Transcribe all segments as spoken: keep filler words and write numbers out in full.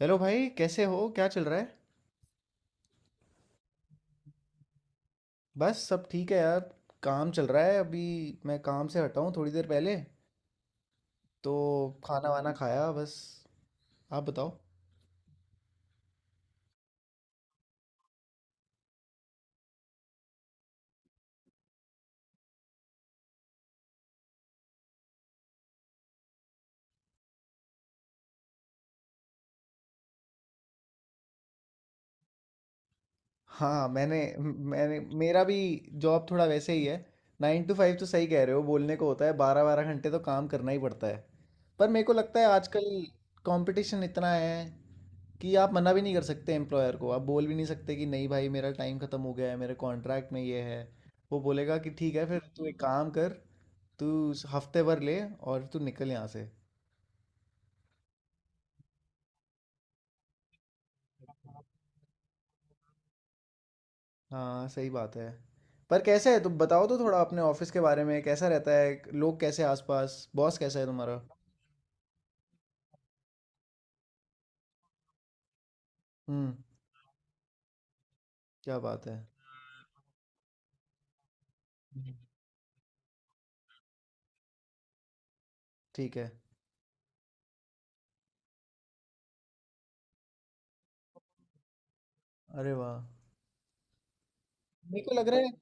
Hello भाई कैसे हो क्या चल रहा है। बस सब ठीक है यार। काम चल रहा है अभी। मैं काम से हटा हूँ थोड़ी देर पहले तो खाना वाना खाया बस। आप बताओ। हाँ मैंने मैंने मेरा भी जॉब थोड़ा वैसे ही है। नाइन टू फाइव तो सही कह रहे हो बोलने को होता है बारह बारह घंटे तो काम करना ही पड़ता है। पर मेरे को लगता है आजकल कंपटीशन इतना है कि आप मना भी नहीं कर सकते एम्प्लॉयर को। आप बोल भी नहीं सकते कि नहीं भाई मेरा टाइम ख़त्म हो गया है मेरे कॉन्ट्रैक्ट में ये है। वो बोलेगा कि ठीक है फिर तू एक काम कर तू हफ्ते भर ले और तू निकल यहाँ से। हाँ सही बात है। पर कैसे है तुम बताओ तो थोड़ा अपने ऑफिस के बारे में कैसा रहता है लोग कैसे हैं आसपास बॉस कैसा है तुम्हारा। हम्म। क्या बात है। ठीक है। अरे वाह। मेरे को लग रहा है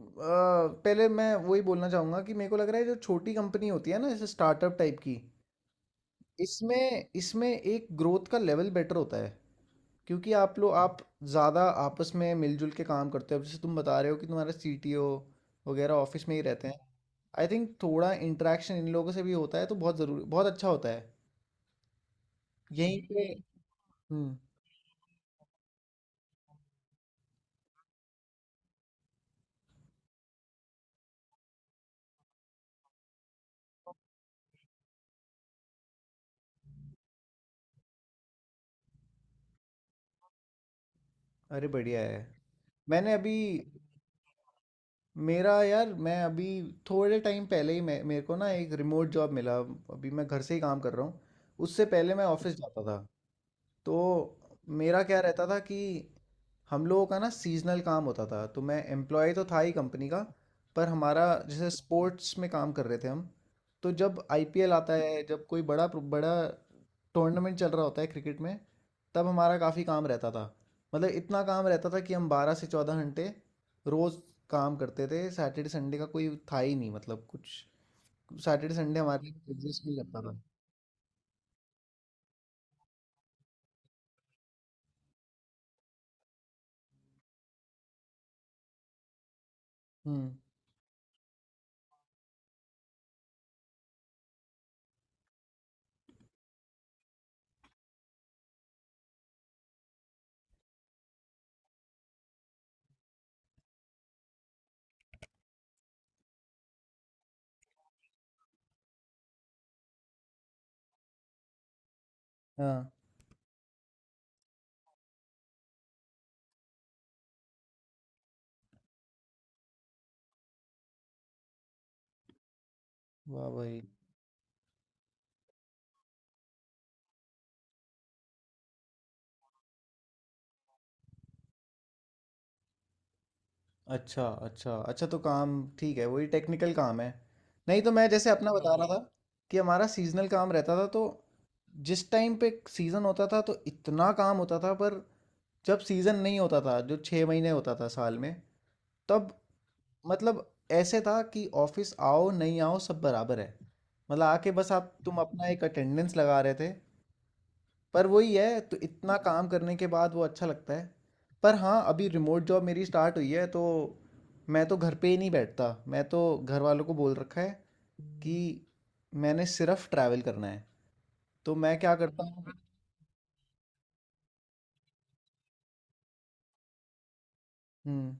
अ, पहले मैं वही बोलना चाहूँगा कि मेरे को लग रहा है जो छोटी कंपनी होती है ना जैसे स्टार्टअप टाइप की। इसमें इसमें एक ग्रोथ का लेवल बेटर होता है। क्योंकि आप लोग आप ज़्यादा आपस में मिलजुल के काम करते हो। अब जैसे तुम बता रहे हो कि तुम्हारा सी टी ओ वगैरह ऑफिस में ही रहते हैं। आई थिंक थोड़ा इंटरेक्शन इन लोगों से भी होता है तो बहुत ज़रूरी बहुत अच्छा होता है यहीं पे। हम्म। अरे बढ़िया है। मैंने अभी मेरा यार मैं अभी थोड़े टाइम पहले ही मैं मेरे को ना एक रिमोट जॉब मिला अभी मैं घर से ही काम कर रहा हूँ। उससे पहले मैं ऑफिस जाता था। तो मेरा क्या रहता था कि हम लोगों का ना सीजनल काम होता था तो मैं एम्प्लॉय तो था ही कंपनी का। पर हमारा जैसे स्पोर्ट्स में काम कर रहे थे हम। तो जब आई पी एल आता है जब कोई बड़ा बड़ा टूर्नामेंट चल रहा होता है क्रिकेट में तब हमारा काफ़ी काम रहता था। मतलब इतना काम रहता था कि हम बारह से चौदह घंटे रोज़ काम करते थे। सैटरडे संडे का कोई था ही नहीं। मतलब कुछ सैटरडे संडे हमारे लिए एग्जिस्ट नहीं करता था। हम्म। हाँ वाह भाई। अच्छा अच्छा अच्छा तो काम ठीक है वही टेक्निकल काम है। नहीं तो मैं जैसे अपना बता रहा, हाँ, था कि हमारा सीजनल काम रहता था। तो जिस टाइम पे सीज़न होता था तो इतना काम होता था। पर जब सीज़न नहीं होता था जो छः महीने होता था साल में तब मतलब ऐसे था कि ऑफिस आओ नहीं आओ सब बराबर है। मतलब आके बस आप तुम अपना एक अटेंडेंस लगा रहे थे। पर वही है तो इतना काम करने के बाद वो अच्छा लगता है। पर हाँ अभी रिमोट जॉब मेरी स्टार्ट हुई है तो मैं तो घर पे ही नहीं बैठता। मैं तो घर वालों को बोल रखा है कि मैंने सिर्फ ट्रैवल करना है। तो मैं क्या करता हूँ। हम्म।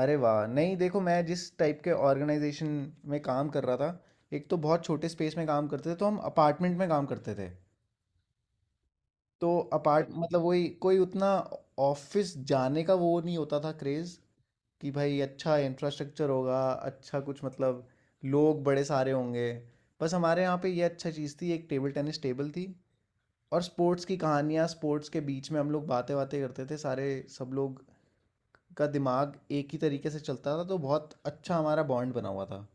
अरे वाह नहीं देखो मैं जिस टाइप के ऑर्गेनाइजेशन में काम कर रहा था एक तो बहुत छोटे स्पेस में काम करते थे तो हम अपार्टमेंट में काम करते थे। तो अपार्ट मतलब वही कोई उतना ऑफिस जाने का वो नहीं होता था क्रेज़ कि भाई अच्छा इंफ्रास्ट्रक्चर होगा अच्छा कुछ मतलब लोग बड़े सारे होंगे। बस हमारे यहाँ पे ये अच्छा चीज़ थी एक टेबल टेनिस टेबल थी और स्पोर्ट्स की कहानियाँ स्पोर्ट्स के बीच में हम लोग बातें बातें करते थे सारे सब लोग का दिमाग एक ही तरीके से चलता था तो बहुत अच्छा हमारा बॉन्ड बना हुआ था।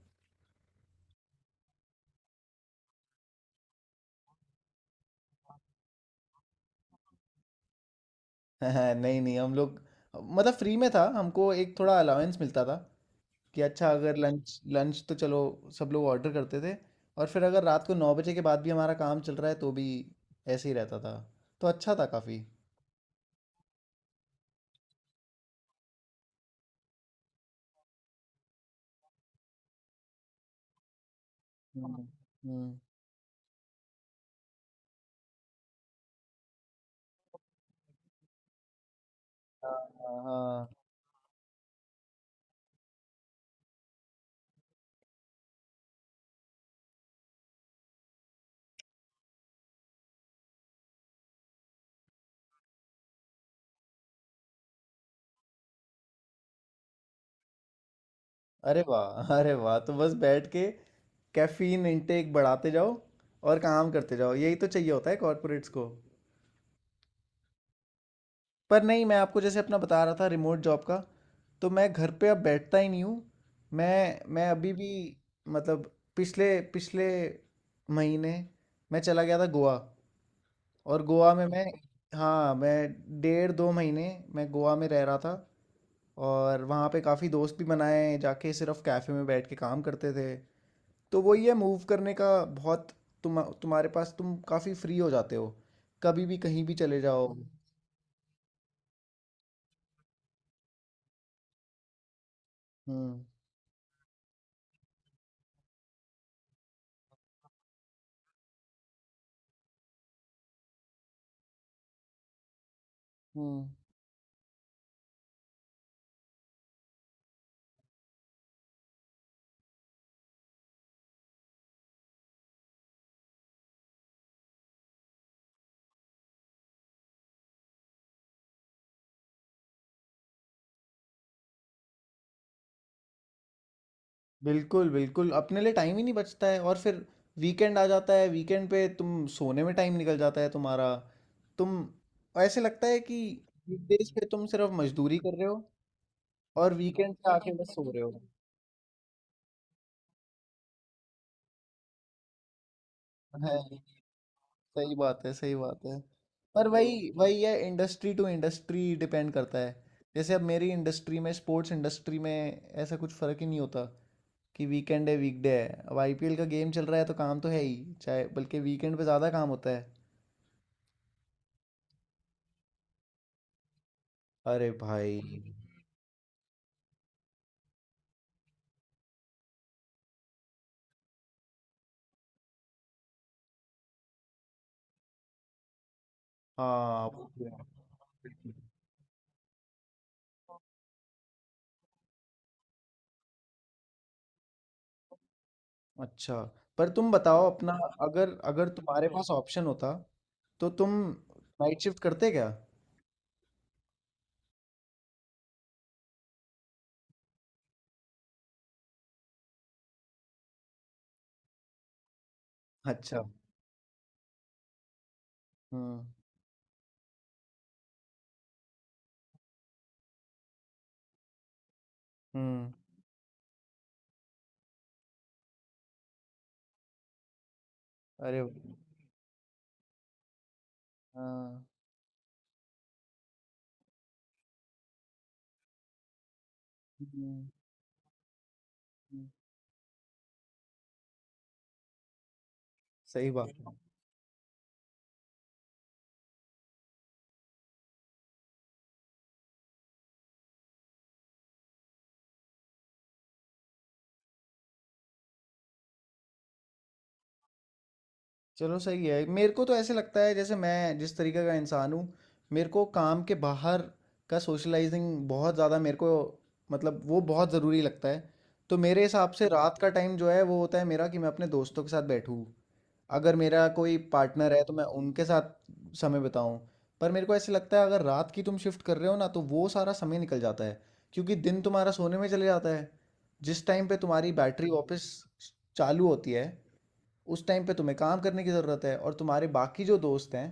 नहीं नहीं हम लोग मतलब फ्री में था। हमको एक थोड़ा अलाउंस मिलता था कि अच्छा अगर लंच लंच तो चलो सब लोग ऑर्डर करते थे। और फिर अगर रात को नौ बजे के बाद भी हमारा काम चल रहा है तो भी ऐसे ही रहता था। तो अच्छा था काफ़ी। हम्म। हम्म। हाँ। हाँ, हाँ। अरे वाह अरे वाह तो बस बैठ के कैफीन इनटेक बढ़ाते जाओ और काम करते जाओ। यही तो चाहिए होता है कॉर्पोरेट्स को। पर नहीं मैं आपको जैसे अपना बता रहा था रिमोट जॉब का। तो मैं घर पे अब बैठता ही नहीं हूँ। मैं मैं अभी भी मतलब पिछले पिछले महीने मैं चला गया था गोवा। और गोवा में मैं, हाँ, मैं डेढ़ दो महीने मैं गोवा में रह रहा था। और वहाँ पे काफ़ी दोस्त भी बनाए जाके सिर्फ कैफ़े में बैठ के काम करते थे। तो वही है मूव करने का बहुत, तुम तुम्हारे पास तुम काफ़ी फ्री हो जाते हो। कभी भी कहीं भी चले जाओ। हम्म। हम्म। बिल्कुल, बिल्कुल, अपने लिए टाइम ही नहीं बचता है। और फिर वीकेंड आ जाता है, वीकेंड पे तुम सोने में टाइम निकल जाता है तुम्हारा। तुम ऐसे लगता है कि वीकडेज़ पे तुम सिर्फ मज़दूरी कर रहे हो और वीकेंड पे आके बस सो रहे हो। हैं, सही बात है, सही बात है। पर वही वही है इंडस्ट्री टू इंडस्ट्री डिपेंड करता है। जैसे अब मेरी इंडस्ट्री में स्पोर्ट्स इंडस्ट्री में ऐसा कुछ फ़र्क ही नहीं होता कि वीकेंड है, वीकडे है। अब आई पी एल का गेम चल रहा है तो काम तो है ही, चाहे बल्कि वीकेंड पे ज़्यादा काम होता है। अरे भाई। हाँ, बढ़िया, अच्छा। पर तुम बताओ अपना, अगर अगर तुम्हारे पास ऑप्शन होता तो तुम नाइट शिफ्ट करते क्या। अच्छा। हम्म। हम्म। अरे। हाँ। हम्म, हम्म, सही बात। चलो सही है, मेरे को तो ऐसे लगता है जैसे मैं जिस तरीके का इंसान हूँ मेरे को काम के बाहर का सोशलाइजिंग बहुत ज़्यादा मेरे को मतलब वो बहुत ज़रूरी लगता है। तो मेरे हिसाब से रात का टाइम जो है वो होता है मेरा कि मैं अपने दोस्तों के साथ बैठूँ। अगर मेरा कोई पार्टनर है तो मैं उनके साथ समय बिताऊं। पर मेरे को ऐसे लगता है अगर रात की तुम शिफ्ट कर रहे हो ना तो वो सारा समय निकल जाता है। क्योंकि दिन तुम्हारा सोने में चले जाता है। जिस टाइम पे तुम्हारी बैटरी वापस चालू होती है उस टाइम पे तुम्हें काम करने की ज़रूरत है और तुम्हारे बाकी जो दोस्त हैं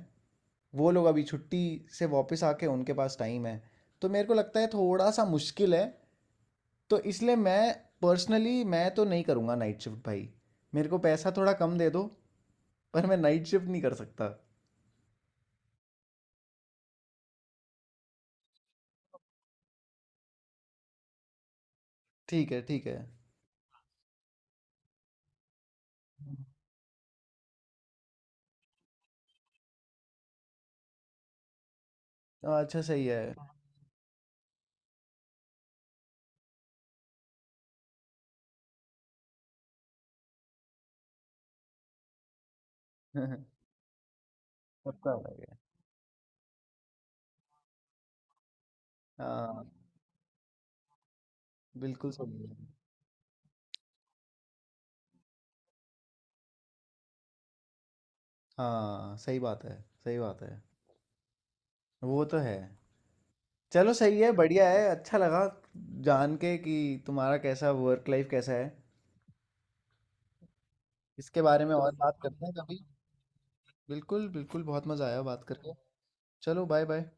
वो लोग अभी छुट्टी से वापस आके उनके पास टाइम है। तो मेरे को लगता है थोड़ा सा मुश्किल है। तो इसलिए मैं पर्सनली मैं तो नहीं करूँगा नाइट शिफ्ट भाई। मेरे को पैसा थोड़ा कम दे दो पर मैं नाइट शिफ्ट नहीं कर सकता। ठीक है, ठीक है। हाँ, अच्छा, सही है। सबका अलग है। हाँ। बिल्कुल सही है। हाँ, सही बात है। सही बात है। वो तो है। चलो सही है, बढ़िया है, अच्छा लगा जान के कि तुम्हारा कैसा वर्क लाइफ कैसा है। इसके बारे में और बात करते हैं कभी। बिल्कुल, बिल्कुल, बहुत मज़ा आया बात करके। चलो बाय बाय।